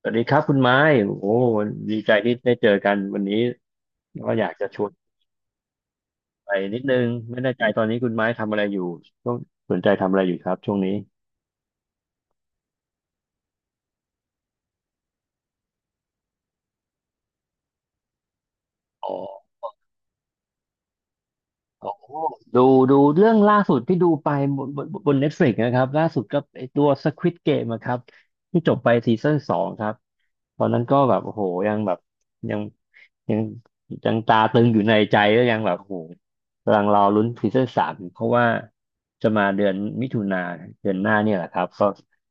สวัสดีครับคุณไม้โอ้โหดีใจที่ได้เจอกันวันนี้ก็อยากจะชวนไปนิดนึงไม่แน่ใจตอนนี้คุณไม้ทำอะไรอยู่ช่วงสนใจทำอะไรอยู่ครับช่วงนี้อ๋อ อ๋อดูเรื่องล่าสุดที่ดูไปบน Netflix นะครับล่าสุดก็ไอตัว Squid Game นะครับที่จบไปซีซั่นสองครับตอนนั้นก็แบบโอ้โหยังแบบยังยังยังตาตึงอยู่ในใจก็ยังแบบโอ้โหกำลังรอลุ้นซีซั่นสามเพราะว่าจะมาเดือนมิถุนาเดือนหน้าเนี่ยแหละครับก็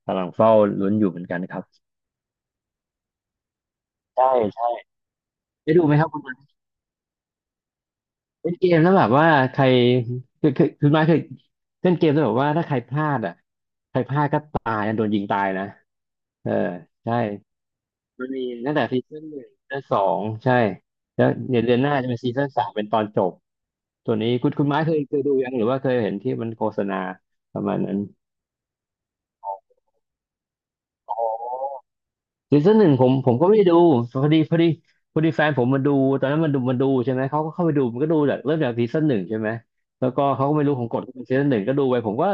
กำลังเฝ้าลุ้นอยู่เหมือนกันครับได้ใด่ได้ดูไหมครับคุณ เล่นเกมแล้วแบบว่าใครคือมาเคยเล่นเกมแล้วแบบว่าถ้าใครพลาดอ่ะใครพลาดก็ตายนะโดนยิงตายนะเออใช่มันมีตั้งแต่ซีซั่นหนึ่งซีซั่นสองใช่แล้วเดี๋ยวเดือนหน้าจะเป็นซีซั่นสามเป็นตอนจบตัวนี้คุณไม้เคยดูยังหรือว่าเคยเห็นที่มันโฆษณาประมาณนั้นอ๋อ ซีซั่นหนึ่งผมก็ไม่ได้ดูพอดีพอดีพอดีแฟนผมมันดู ตอนนั้นมันดูใช่ไหมเขาก็เข้าไปดูมันก็ดูจากเริ่มจากซีซั่นหนึ่งใช่ไหม แล้วก็เขาก็ไม่รู้ของกฎซีซั่นหนึ่งก็ดูไป ผมก็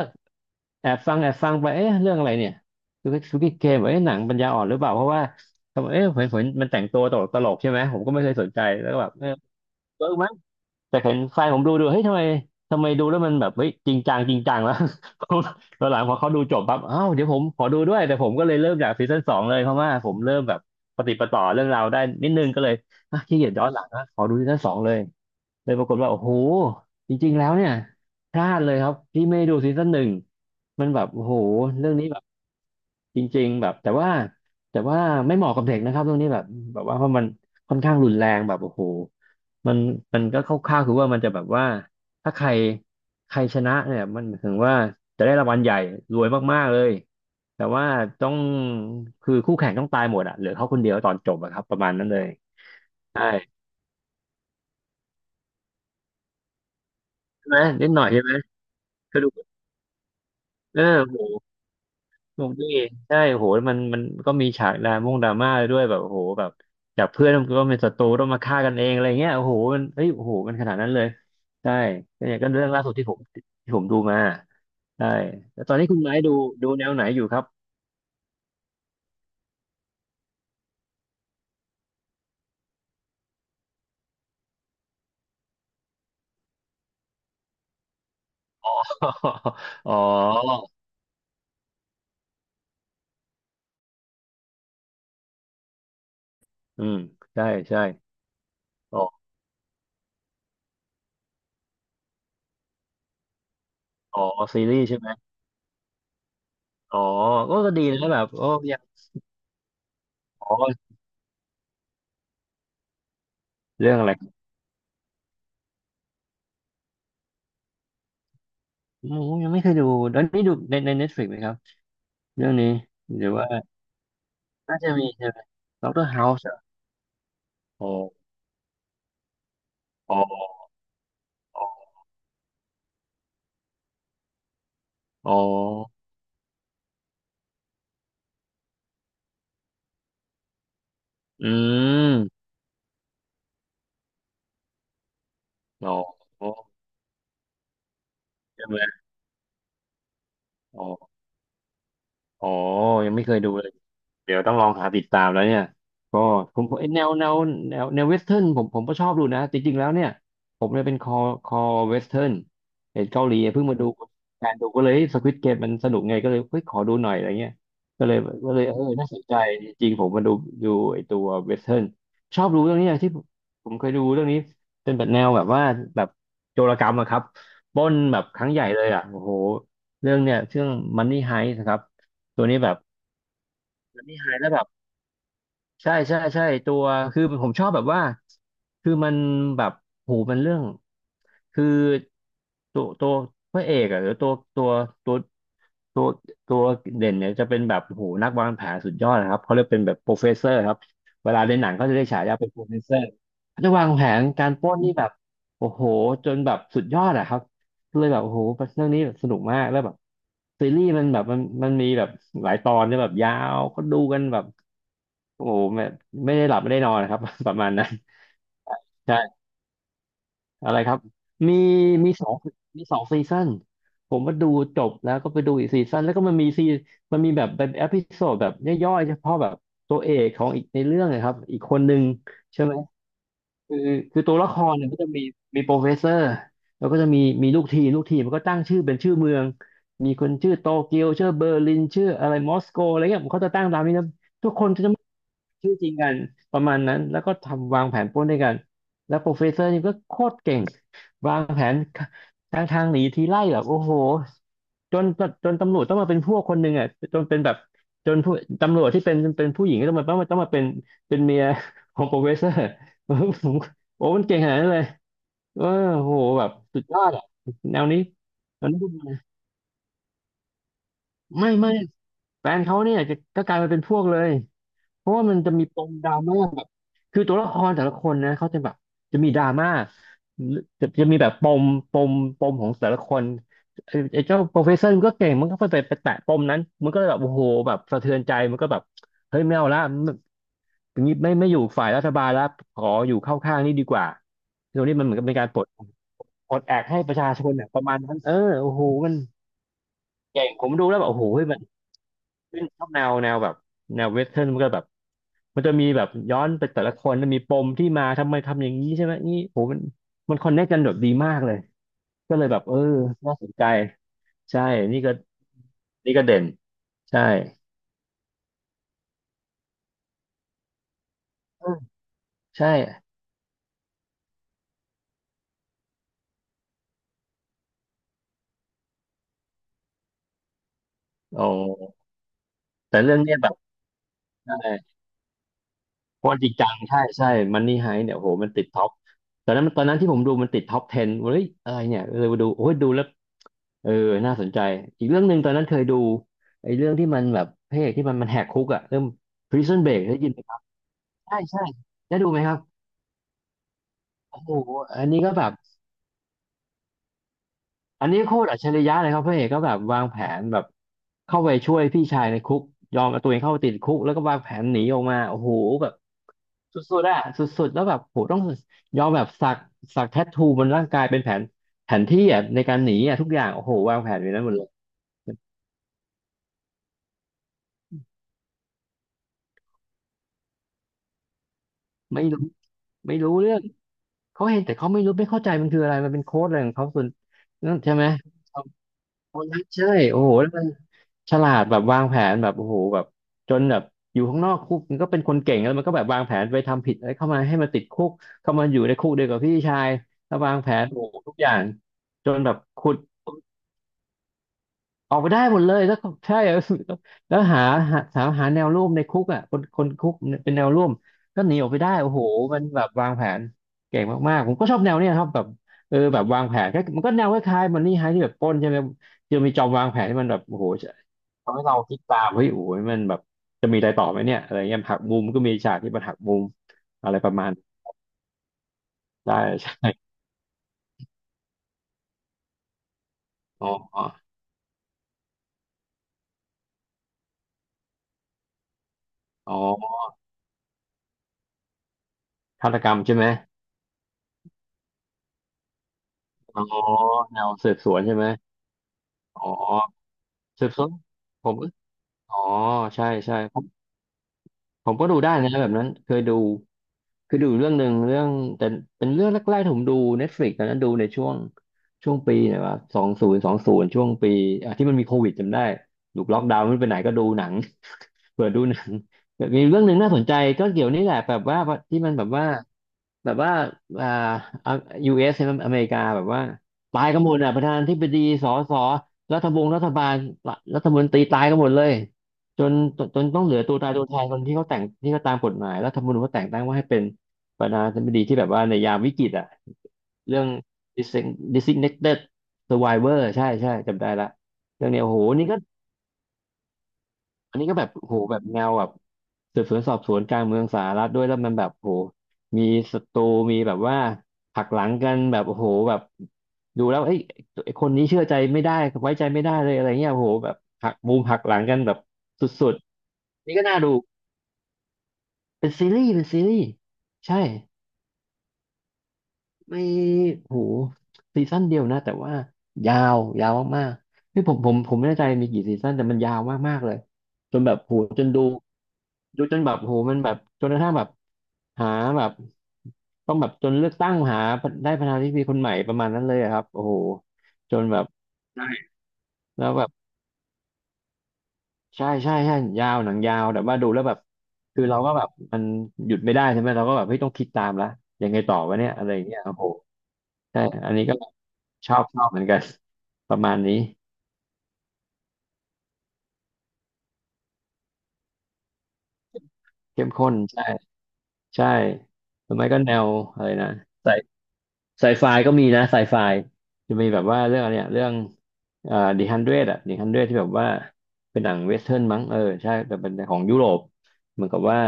แอบฟังไปเอ๊ะเรื่องอะไรเนี่ย ซูกิเกมเอ๊ะหนังปัญญาอ่อนหรือเปล่าเพราะว่าทำไมเอ๊ะเห็นมันแต่งตัวตลกใช่ไหม ผมก็ไม่เคยสนใจแล้วก็แบบเออเวิร์กไหม แต่เห็นแฟนผมดูเฮ้ยทำไมดูแล้วมันแบบเฮ้ยจริงจัง แล้ว ผมตอนหลังพอเขาดูจบปั๊บอ้าวเดี๋ยวผมขอดูด้วยแต่ผมก็เลยเริ่มจากซีซั่นสองเลยเพราะว่าผมเริ่มแบบปฏิดปะต่อเรื่องราวได้นิดนึงก็เลยอ่ะขี้เกียจย้อนหลังนะขอดูซีซั่นสองเลยเลยปรากฏว่าโอ้โหจริงๆแล้วเนี่ยพลาดเลยครับที่ไม่ดดูซีซั่นหนึ่งมันแบบโอ้โหเรื่องนี้ จริงๆแบบแต่ว่าไม่เหมาะกับเด็กนะครับตรงนี้แบบแบบว่าเพราะมันค่อนข้างรุนแรงแบบโอ้โหมันมันก็คร่าวๆคือว่ามันจะแบบว่าถ้าใครใครชนะเนี่ยมันหมายถึงว่าจะได้รางวัลใหญ่รวยมากๆเลยแต่ว่าต้องคือคู่แข่งต้องตายหมดอะเหลือเขาคนเดียวตอนจบอะครับประมาณนั้นเลยใช่ใช่ไหมนิดหน่อยใช่ไหมก็ดูเออโห พวกนี้ใช่โหมันก็มีฉากดราม่งดราม่าด้วยแบบโอ้โหแบบจากเพื่อนก็เป็นศัตรูต้องมาฆ่ากันเองอะไรเงี้ยโอ้โหมันเฮ้ยโอ้โหมันขนาดนั้นเลยใช่ก็เนี่ยก็เรื่องล่าสุดที่ผมดูมาใช่แล้วตอนนี้คุณไม้ดูดูแนวไหนอยู่ครับ อ๋ออืมใช่ใช่อ๋ออ๋อซีรีส์ใช่ไหมอ๋อก็ดีนะแบบโอ้ยังอ๋อเรื่องอะไรครับอืมยังไม่เคยดูตอนนี้ดูใน Netflix ไหมครับเรื่องนี้หรือว่าน่าจะมีใช่ไหมดอกเตอรเฮาส์ อ๋ออ๋ออ๋ออืมอ๋อใช่ไหมอ๋ออ๋อยังไม่เคยดูเลย เดี๋ยวต้องลองหาติดตามแล้วเนี่ยก็ผมเอ้ยแนวเวสเทิร์นผมก็ชอบดูนะจริงๆแล้วเนี่ยผมเนี่ยเป็นคอเวสเทิร์นเห็นเกาหลีเพิ่งมาดูแฟนดูก็เลยสควิดเกมมันสนุกไงก็เลยเฮ้ยขอดูหน่อยอะไรเงี้ยก็เลยก็เลยเออน่าสนใจจริงๆผมมาดูดูไอตัวเวสเทิร์นชอบดูเรื่องนี้นะที่ผมผมเคยดูเรื่องนี้เป็นแบบแนวแบบว่าแบบโจรกรรมอะครับปล้นแบบครั้งใหญ่เลยอะโอ้โหเรื่องเนี่ยเรื่อง Money Heist นะครับตัวนี้แบบ Money Heist แล้วแบบ ใช่ตัวคือผมชอบแบบว่าคือมันแบบโหูมันเรื่องคือตัวตัวพระเอกอะหรือตัวตัวตัวเด่นเนี่ยจะเป็นแบบโหูนักวางแผนสุดยอดนะครับเขาเรียกเป็นแบบโปรเฟสเซอร์ครับเวลาในหนังเขาจะเรียกฉายาเป็นโปรเฟสเซอร์เขาจะวางแผนการปล้นนี่แบบโอ้โหจนแบบสุดยอดอะครับ เลยแบบโอ้โหเรื่องนี้แบบสนุกมากแล้วแบบซีรีส์มันแบบมันมีแบบหลายตอนเนี่ยแบบยาว ก็ดูกันแบบโอ้โหแบบไม่ได้หลับไม่ได้นอนนะครับ ประมาณนั้นใช่ อะไรครับมีมีสองมีสองซีซันผมมาดูจบแล้วก็ไปดูอีกซีซันแล้วก็มันมีซีมันมีแบบเป็นเอพิโซดแบบย่อยๆเฉพาะแบบตัวเอกของอีกในเรื่องนะครับอีกคนหนึ่งใช่ไหมคือคือตัวละครเนี่ยก็จะมีโปรเฟสเซอร์แล้วก็จะมีลูกทีมลูกทีมมันก็ตั้งชื่อเป็นชื่อเมืองมีคนชื่อโตเกียวชื่อเบอร์ลินชื่ออะไรมอสโกอะไรเงี้ยมเขาจะตั้งตามนี้นะทุกคนจะไม่ชื่อจริงกันประมาณนั้นแล้วก็ทำวางแผนปล้นด้วยกัน แล้วโปรเฟสเซอร์นี่ก็โคตรเก่งวางแผนทางทางหนีทีไล่แบบโอ้โหจนจนตำรวจต้องมาเป็นพวกคนหนึ่งอ่ะจนเป็นแบบจนผู้ตำรวจที่เป็นผู้หญิงก็ต้องมาเป็นเมีย ของโปรเฟสเซอร์ผมโอ้มันเก่งขนาดนั้นเลยเออโหแบบสุดยอดอ่ะแนวนี้แนวนี้ ไม่แฟนเขาเนี่ยจะก็กลายมาเป็นพวกเลยเพราะว่ามันจะมีปมดราม่าแบบคือตัวละครแต่ละคนนะเขาจะแบบจะมีดราม่าจะมีแบบปมปมปมของแต่ละคนไอ้เจ้าโปรเฟสเซอร์มันก็เก่งมันก็ไปแตะปมนั้นมันก็เลยแบบโอ้โหแบบสะเทือนใจมันก็แบบเฮ้ยไม่เอาละมันอย่างนี้ไม่อยู่ฝ่ายรัฐบาลแล้วขออยู่เข้าข้างนี่ดีกว่าตรงนี้มันเหมือนกับเป็นการปลดแอกให้ประชาชนเนี่ยประมาณนั้นเออโอ้โหมันเก่งผมดูแล้วแบบโอ้โหมัน ซึ่งชอบแนวแบบแนวเวสเทิร์นมันก็แบบมันจะมีแบบย้อนไปแต่ละคนมันมีปมที่มาทำไมทำอย่างนี้ใช่ไหมนี่โหมันมันคอนเนคกันแบบดีมากเลยก็เลยแบบเออน่าสนใจใช่นี่ก็นี่ก็เด่นใช่เออใช่โอ้แต่เรื่องเนี้ยแบบใช่ โคตรจริงจังใช่ใช่มันนี่ไฮเนี่ยโหมันติดท็อปตอนนั้นตอนนั้นที่ผมดูมันติดท็อป10เฮ้ยอะไรเนี่ยเลยมาดูโอ้ยดูแล้วเออน่าสนใจอีกเรื่องหนึ่งตอนนั้นเคยดูไอ้เรื่องที่มันแบบพระเอกที่มันแหกคุกอะเรื่อง Prison Break ได้ยินไหมครับใช่ใช่ได้ดูไหมครับโอ้โหอันนี้ก็แบบ อันนี้โคตรอัจฉริยะเลยครับพระเอกก็แบบวางแผนแบบเข้าไปช่วยพี่ชายในคุกยอมเอาตัวเองเข้าไปติดคุกแล้วก็วางแผนหนีออกมาโอ้โหแบบสุดๆอะสุดๆแล้วแบบโหต้องยอมแบบสักแทททูบนร่างกายเป็นแผนแผนที่อะในการหนีอะทุกอย่างโอ้โหวางแผนไว้นั้นหมดเลยไม่รู้ไม่รู้เรื่องเขาเห็นแต่เขาไม่รู้ไม่เข้าใจมันคืออะไรมันเป็นโค้ดอะไรของเขาส่วนนั่นใช่ไหม โอ้ยใช่โอ้โหแล้วมันฉลาดแบบวางแผนแบบโอ้โหแบบจนแบบอยู่ข้างนอกคุกมันก็เป็นคนเก่งแล้วมันก็แบบวางแผนไปทำผิดอะไรเข้ามาให้มันติดคุกเข้ามาอยู่ในคุกเดียวกับพี่ชายแล้ววางแผนโอ้โหทุกอย่างจนแบบขุด ออกไปได้หมดเลย แล้วก็ใช่ แล้วหาแนวร่วมในคุกอ่ะคนคนคุกเนี่ยเป็นแนวร่วมก็หนีออกไปได้โอ้โหมันแบบวางแผนเก่งมากๆผมก็ชอบแนวเนี้ยครับแบบเออแบบวางแผนก็มันก็แนวคล้ายๆมันนี่ไฮที่แบบปล้นใช่ไหมจะมีจอมวางแผนที่มันแบบโอ้โหทำให้เราคิดตามเฮ้ยโอ้โหมันแบบจะมีอะไรต่อไหมเนี่ยอะไรเงี้ยหักมุมก็มีฉากที่มันหักมุมอะไรประมาณใช่ ใช่อ๋ออ๋อฆาตกรรมใช่ไหมอ๋อแนวสืบสวนใช่ไหมอ๋อ สืบสวนผมอ๋อใช่ใช่ผม ผมก็ดูได้นะแบบนั้นเคยดูคือดูเรื่องหนึ่งเรื่องแต่เป็นเรื่องแรกๆที่ผมดู Netflix ตอนนั้นดูในช่วงปีไหนวะ2020ช่วงปีอ่ะที่มันมีโควิดจำได้ถูกล็อกดาวน์ไม่ไปไหนก็ดูหนัง เปิดดูหนังแบบมีเรื่องหนึ่งน่าสนใจก็เกี่ยวนี่แหละแบบว่าที่มันแบบว่าอ่าอ่ะ US ใช่ไหมอเมริกาแบบว่าตายกันหมดอ่ะประธานาธิบดีสสรัฐบงรัฐบาลรัฐมนตรีตายกันหมดเลย จนจนต้องเหลือตัวตายตัวแทนคนที่เขาแต่งที่เขาตามกฎหมายรัฐธรรมนูญเขาแต่งตั้งว่าให้เป็นประธานาธิบดีที่แบบว่าในยามวิกฤตอะเรื่อง designated survivor ใช่ใช่จำได้ละเรื่องเนี้ยโอ้โหนี่ก็อันนี้ก็แบบโอ้โหแบบแนวแบบสืบสวนสอบสวนกลางเมืองสหรัฐด้วยแล้วมันแบบโอ้โหมีศัตรูมีแบบว่าหักหลังกันแบบโอ้โหแบบดูแล้วเอ้ยไอ้คนนี้เชื่อใจไม่ได้ไว้ใจไม่ได้เลยอะไรเงี้ยโอ้โหแบบหักมุมหักหลังกันแบบสุดๆนี่ก็น่าดู เป็นซีรีส์เป็นซีรีส์ใช่ไม่โหซีซั่นเดียวนะแต่ว่ายาวยาวมากๆนี่ผมไม่แน่ใจมีกี่ซีซั่นแต่มันยาวมากๆเลยจนแบบโหจนดูดูจนแบบโหมันแบบจนกระทั่งแบบหาแบบต้องแบบจนเลือกตั้งหาได้ประธานาธิบดีคนใหม่ประมาณนั้นเลยอะครับโอ้โหจนแบบแล้วแบบ ใช่ใช่ใช่ยาวหนังยาวแต่ว่าดูแล้วแบบคือเราก็แบบมันหยุดไม่ได้ใช่ไหมเราก็แบบเฮ้ยต้องคิดตามละยังไงต่อวะเนี่ยอะไรอย่างเงี้ยโอ้โหใช่อันนี้ก็ชอบชอบเหมือนกัน ประมาณนี้เข้มข้นใช่ใช่หรือไม่ก็แนวอะไรนะ ไซไฟก็มีนะไซไฟจะมีแบบว่าเรื่องอะไรเนี่ยเรื่องดีฮันเดรดอะดีฮันเดรดที่แบบว่าเป็นหนังเวสเทิร์นมั้งเออใช่แต่เป็นของยุโรปเหมือนกับว่า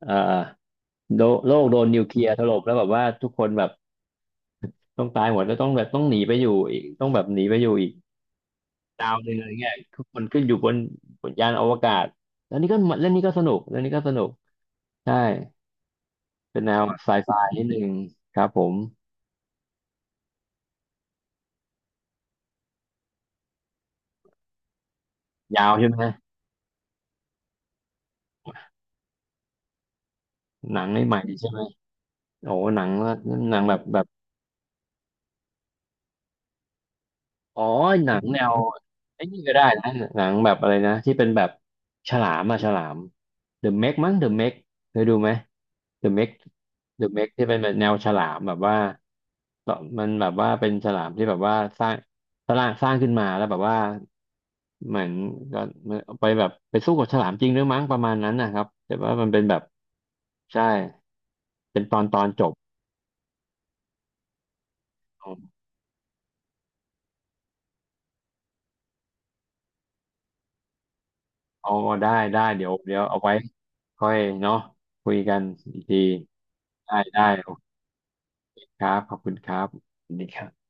เอ่อโดโลกโดนนิวเคลียร์ถล่มแล้วแบบว่าทุกคนแบบต้องตายหมดแล้วต้องแบบต้องหนีไปอยู่อีกต้องแบบหนีไปอยู่อีกดาวหนึ่งอะไรเงี้ยทุกคนขึ้นอยู่บนบนยานอวกาศแล้วนี่ก็เรื่องนี้ก็สนุกเรื่องนี้ก็สนุกใช่เป็นแนวไซไฟนิดนึงครับผมยาวใช่ไหมหนังนี่ใหม่ใช่ไหม โอ้หนังละหนังแบบแบบอ๋อหนังแนวไอ้นี่ก็ได้นะหนังแบบอะไรนะที่เป็นแบบฉลามอะฉลาม The Meg มั้ง The Meg เคยดูไหม The Meg The Meg ที่เป็นแบบแนวฉลามแบบว่าต่อมันแบบว่าเป็นฉลามที่แบบว่าสร้างสร้างขึ้นมาแล้วแบบว่าเหมือนก็ไปแบบไปสู้กับฉลามจริงด้ือมั้งประมาณนั้นนะครับแต่ว่ามันเป็นแบบใช่เป็นตอนตอนจบ เอาได้ได้เดี๋ยวเดี๋ยวเอาไว้ค่อยเนาะคุยกันอีกทีได้ได้โอเคครับขอบคุณครับสวัสดีครับ